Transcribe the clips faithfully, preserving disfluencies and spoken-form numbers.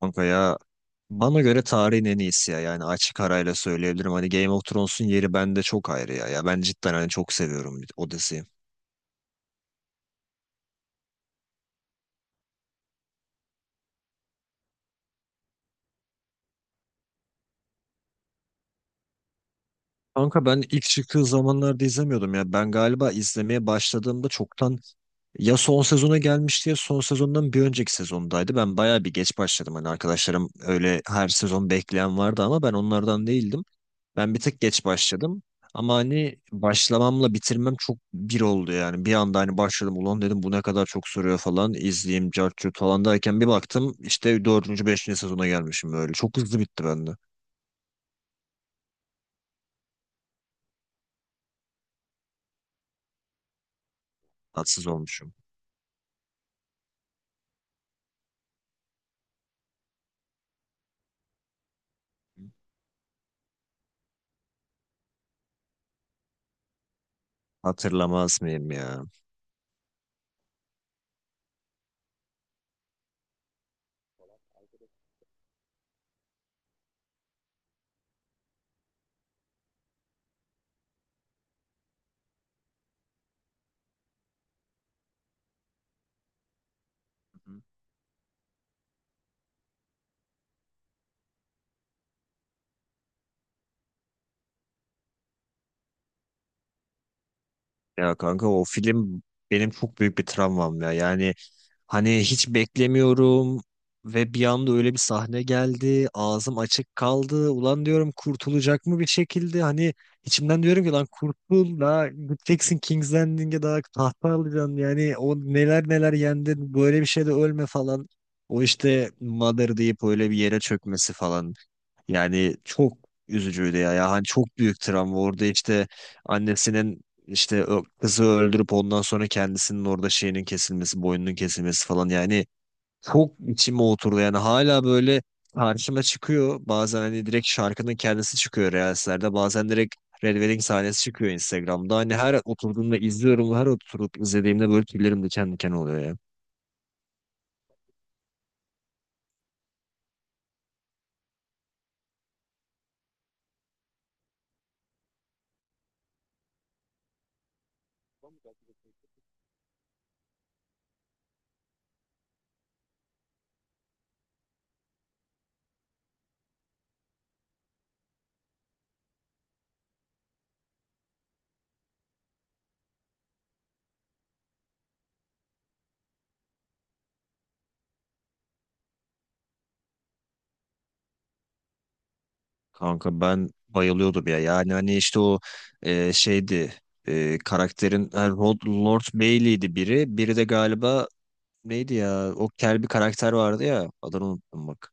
Kanka ya, bana göre tarihin en iyisi ya. Yani açık arayla söyleyebilirim. Hani Game of Thrones'un yeri bende çok ayrı ya. Ya ben cidden hani çok seviyorum o diziyi. Kanka ben ilk çıktığı zamanlarda izlemiyordum ya. Ben galiba izlemeye başladığımda çoktan ya son sezona gelmişti ya son sezondan bir önceki sezondaydı. Ben bayağı bir geç başladım. Hani arkadaşlarım öyle her sezon bekleyen vardı ama ben onlardan değildim. Ben bir tık geç başladım. Ama hani başlamamla bitirmem çok bir oldu yani. Bir anda hani başladım, ulan dedim bu ne kadar çok soruyor falan. İzleyeyim cartçut falan derken bir baktım işte dördüncü beşinci sezona gelmişim öyle. Çok hızlı bitti bende. Tatsız olmuşum. Hatırlamaz mıyım ya? Hı. Ya kanka o film benim çok büyük bir travmam ya. Yani hani hiç beklemiyorum ve bir anda öyle bir sahne geldi. Ağzım açık kaldı. Ulan diyorum kurtulacak mı bir şekilde? Hani içimden diyorum ki lan kurtul da, gideceksin King's Landing'e, daha tahta alacaksın. Yani o neler neler yendin böyle bir şeyde ölme falan. O işte Mother deyip öyle bir yere çökmesi falan. Yani çok üzücüydü ya. Ya hani çok büyük travma. Orada işte annesinin işte ö- kızı öldürüp ondan sonra kendisinin orada şeyinin kesilmesi, boynunun kesilmesi falan. Yani çok içime oturdu. Yani hala böyle karşıma çıkıyor. Bazen hani direkt şarkının kendisi çıkıyor Reels'lerde. Bazen direkt Red Wedding sahnesi çıkıyor Instagram'da. Hani her oturduğumda izliyorum. Her oturup izlediğimde böyle tüylerim diken diken oluyor ya. Kanka ben bayılıyordum ya. Yani hani işte o e, şeydi, e, karakterin, ha, Rod, Lord Bailey'di biri. Biri de galiba neydi ya? O kel bir karakter vardı ya. Adını unuttum bak.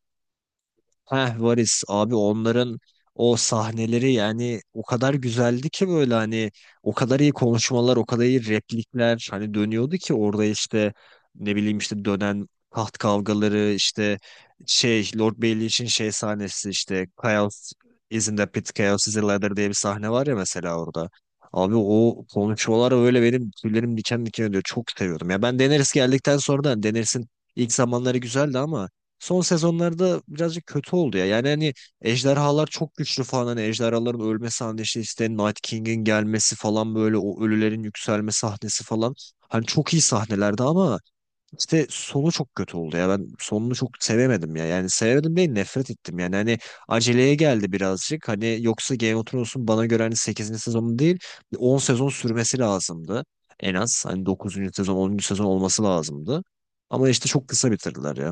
Heh, Varis abi, onların o sahneleri yani o kadar güzeldi ki, böyle hani o kadar iyi konuşmalar, o kadar iyi replikler hani dönüyordu ki orada, işte ne bileyim işte dönen taht kavgaları, işte şey Lord Bailey için şey sahnesi, işte Chaos is in the pit, Chaos is a ladder diye bir sahne var ya mesela orada. Abi o konuşmalar öyle benim tüylerim diken diken ediyor. Çok seviyordum. Ya ben Daenerys geldikten sonra da Daenerys'in ilk zamanları güzeldi ama son sezonlarda birazcık kötü oldu ya. Yani hani ejderhalar çok güçlü falan, hani ejderhaların ölme sahnesi, işte Night King'in gelmesi falan, böyle o ölülerin yükselme sahnesi falan. Hani çok iyi sahnelerdi ama işte sonu çok kötü oldu ya. Ben sonunu çok sevemedim ya. Yani sevemedim değil, nefret ettim. Yani hani aceleye geldi birazcık. Hani yoksa Game of Thrones'un bana göre hani sekizinci sezonu değil on sezon sürmesi lazımdı. En az hani dokuzuncu sezon, onuncu sezon olması lazımdı. Ama işte çok kısa bitirdiler ya.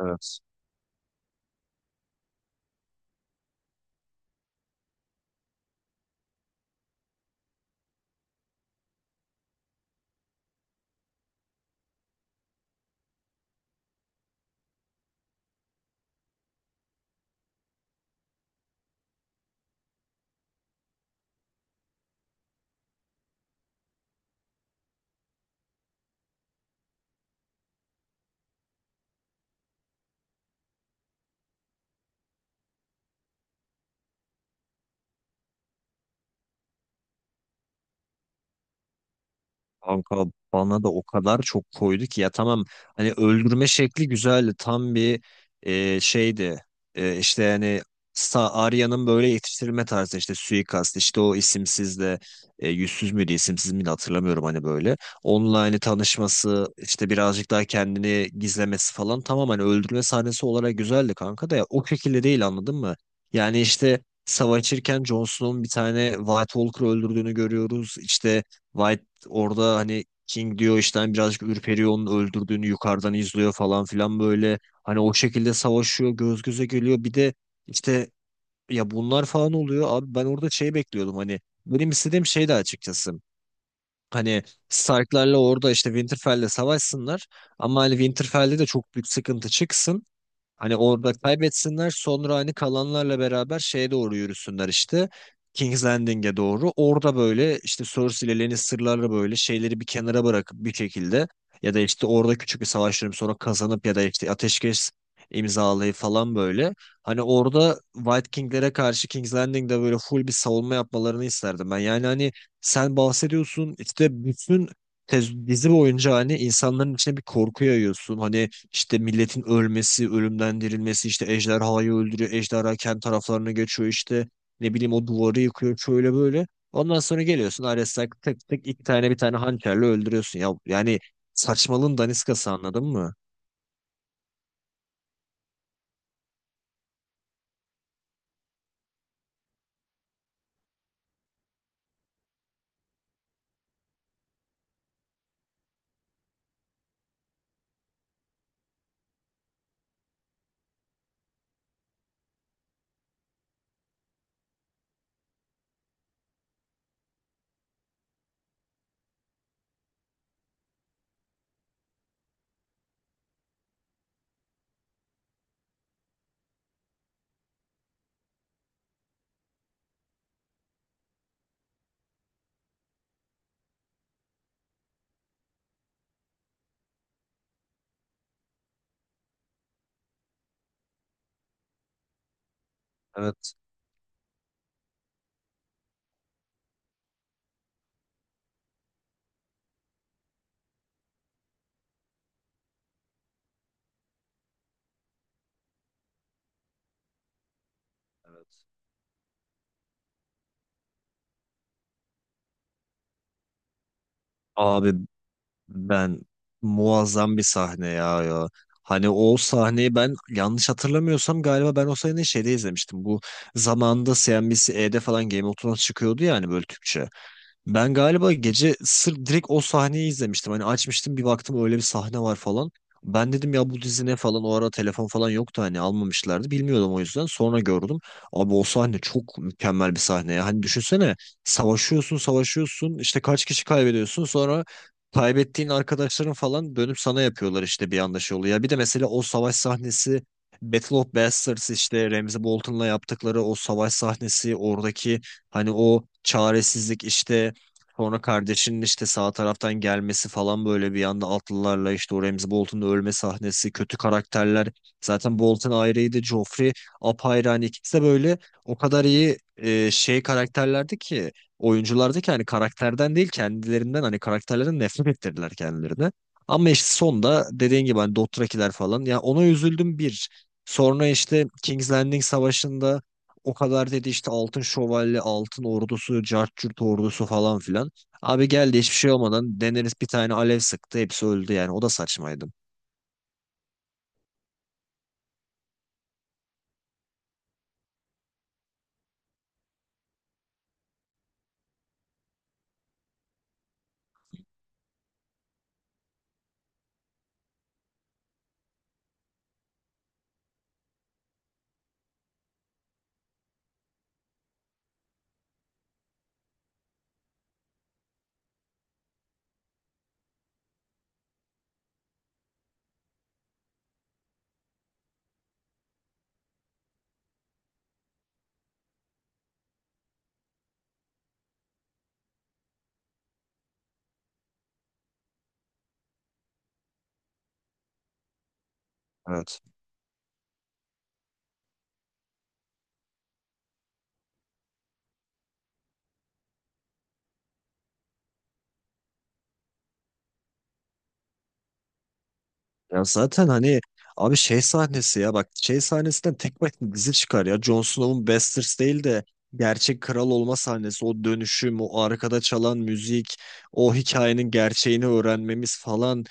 Evet. Kanka bana da o kadar çok koydu ki ya, tamam hani öldürme şekli güzeldi, tam bir e, şeydi. E, işte yani Sa- Arya'nın böyle yetiştirilme tarzı, işte suikast, işte o isimsiz de, e, yüzsüz müydü isimsiz miydi hatırlamıyorum, hani böyle online tanışması, işte birazcık daha kendini gizlemesi falan, tamam hani öldürme sahnesi olarak güzeldi kanka da ya, o şekilde değil, anladın mı? Yani işte savaşırken Jon Snow'un bir tane White Walker öldürdüğünü görüyoruz işte. White Orada hani King diyor, işte hani birazcık ürperiyor, onun öldürdüğünü yukarıdan izliyor falan filan böyle. Hani o şekilde savaşıyor, göz göze geliyor. Bir de işte ya bunlar falan oluyor. Abi ben orada şey bekliyordum hani, benim istediğim şey de açıkçası. Hani Stark'larla orada işte Winterfell'le savaşsınlar. Ama hani Winterfell'de de çok büyük sıkıntı çıksın. Hani orada kaybetsinler, sonra hani kalanlarla beraber şeye doğru yürüsünler işte. King's Landing'e doğru. Orada böyle işte Cersei ile Lannister'larla böyle şeyleri bir kenara bırakıp bir şekilde, ya da işte orada küçük bir savaş verip sonra kazanıp, ya da işte ateşkes imzalayıp falan böyle. Hani orada White King'lere karşı King's Landing'de böyle full bir savunma yapmalarını isterdim ben. Yani hani sen bahsediyorsun, işte bütün tez- dizi boyunca hani insanların içine bir korku yayıyorsun. Hani işte milletin ölmesi, ölümden dirilmesi, işte ejderhayı öldürüyor, ejderha kendi taraflarına geçiyor işte. Ne bileyim o duvarı yıkıyor, şöyle böyle. Ondan sonra geliyorsun Ares'ten tık tık iki tane bir tane hançerle öldürüyorsun. Ya yani saçmalığın daniskası, anladın mı? Evet. Abi ben muazzam bir sahne ya ya. Hani o sahneyi ben yanlış hatırlamıyorsam galiba ben o sahneyi şeyde izlemiştim. Bu zamanında C N B C-E'de falan Game of Thrones çıkıyordu ya hani, böyle Türkçe. Ben galiba gece sırf direkt o sahneyi izlemiştim. Hani açmıştım bir baktım öyle bir sahne var falan. Ben dedim ya bu dizi ne falan, o ara telefon falan yoktu, hani almamışlardı, bilmiyordum o yüzden, sonra gördüm. Abi o sahne çok mükemmel bir sahne ya. Hani düşünsene savaşıyorsun savaşıyorsun, işte kaç kişi kaybediyorsun, sonra kaybettiğin arkadaşların falan dönüp sana yapıyorlar işte, bir anda şey oluyor. Ya bir de mesela o savaş sahnesi, Battle of Bastards, işte Ramsay Bolton'la yaptıkları o savaş sahnesi, oradaki hani o çaresizlik işte. Sonra kardeşinin işte sağ taraftan gelmesi falan, böyle bir anda atlılarla, işte o Ramsay Bolton'un ölme sahnesi, kötü karakterler. Zaten Bolton ayrıydı, Joffrey apayrı. Hani ikisi de böyle o kadar iyi e, şey karakterlerdi ki, oyunculardı ki, hani karakterden değil kendilerinden, hani karakterlerden nefret ettirdiler kendilerine. Ama işte sonda dediğin gibi hani Dothrakiler falan ya, ona üzüldüm bir. Sonra işte King's Landing Savaşı'nda o kadar dedi işte altın şövalye, altın ordusu, cart curt ordusu falan filan. Abi geldi hiçbir şey olmadan Daenerys bir tane alev sıktı, hepsi öldü, yani o da saçmaydı. Evet. Ya zaten hani abi şey sahnesi ya bak, şey sahnesinden tek başına dizi çıkar ya. Jon Snow'un Bastards değil de gerçek kral olma sahnesi, o dönüşüm, o arkada çalan müzik, o hikayenin gerçeğini öğrenmemiz falan.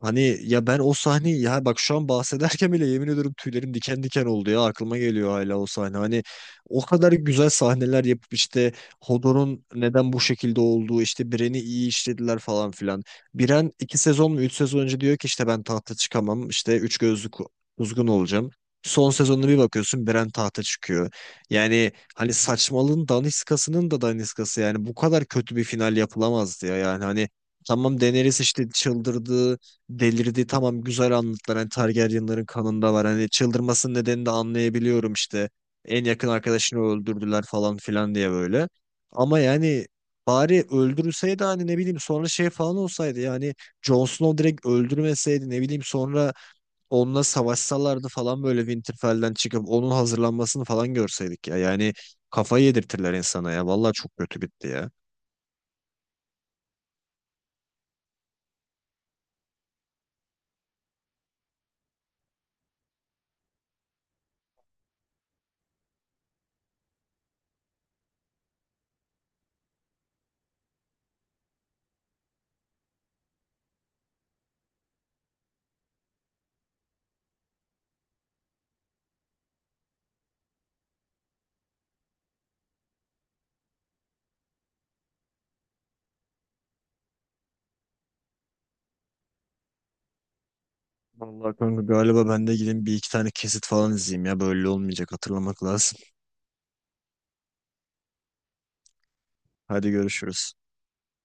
Hani ya ben o sahneyi, ya bak şu an bahsederken bile yemin ediyorum tüylerim diken diken oldu ya, aklıma geliyor hala o sahne. Hani o kadar güzel sahneler yapıp işte, Hodor'un neden bu şekilde olduğu, işte Bren'i iyi işlediler falan filan. Biren iki sezon mu üç sezon önce diyor ki işte ben tahta çıkamam, işte üç gözlü ku- kuzgun olacağım. Son sezonuna bir bakıyorsun Biren tahta çıkıyor. Yani hani saçmalığın daniskasının da daniskası, yani bu kadar kötü bir final yapılamazdı ya, yani hani tamam Daenerys işte çıldırdı, delirdi, tamam güzel anlattılar, hani Targaryenların kanında var, hani çıldırmasının nedenini de anlayabiliyorum, işte en yakın arkadaşını öldürdüler falan filan diye böyle. Ama yani bari öldürülseydi, hani ne bileyim sonra şey falan olsaydı yani, Jon Snow direkt öldürmeseydi, ne bileyim sonra onunla savaşsalardı falan, böyle Winterfell'den çıkıp onun hazırlanmasını falan görseydik ya. Yani kafayı yedirtirler insana ya. Vallahi çok kötü bitti ya. Vallahi kanka galiba ben de gideyim bir iki tane kesit falan izleyeyim ya. Böyle olmayacak, hatırlamak lazım. Hadi görüşürüz.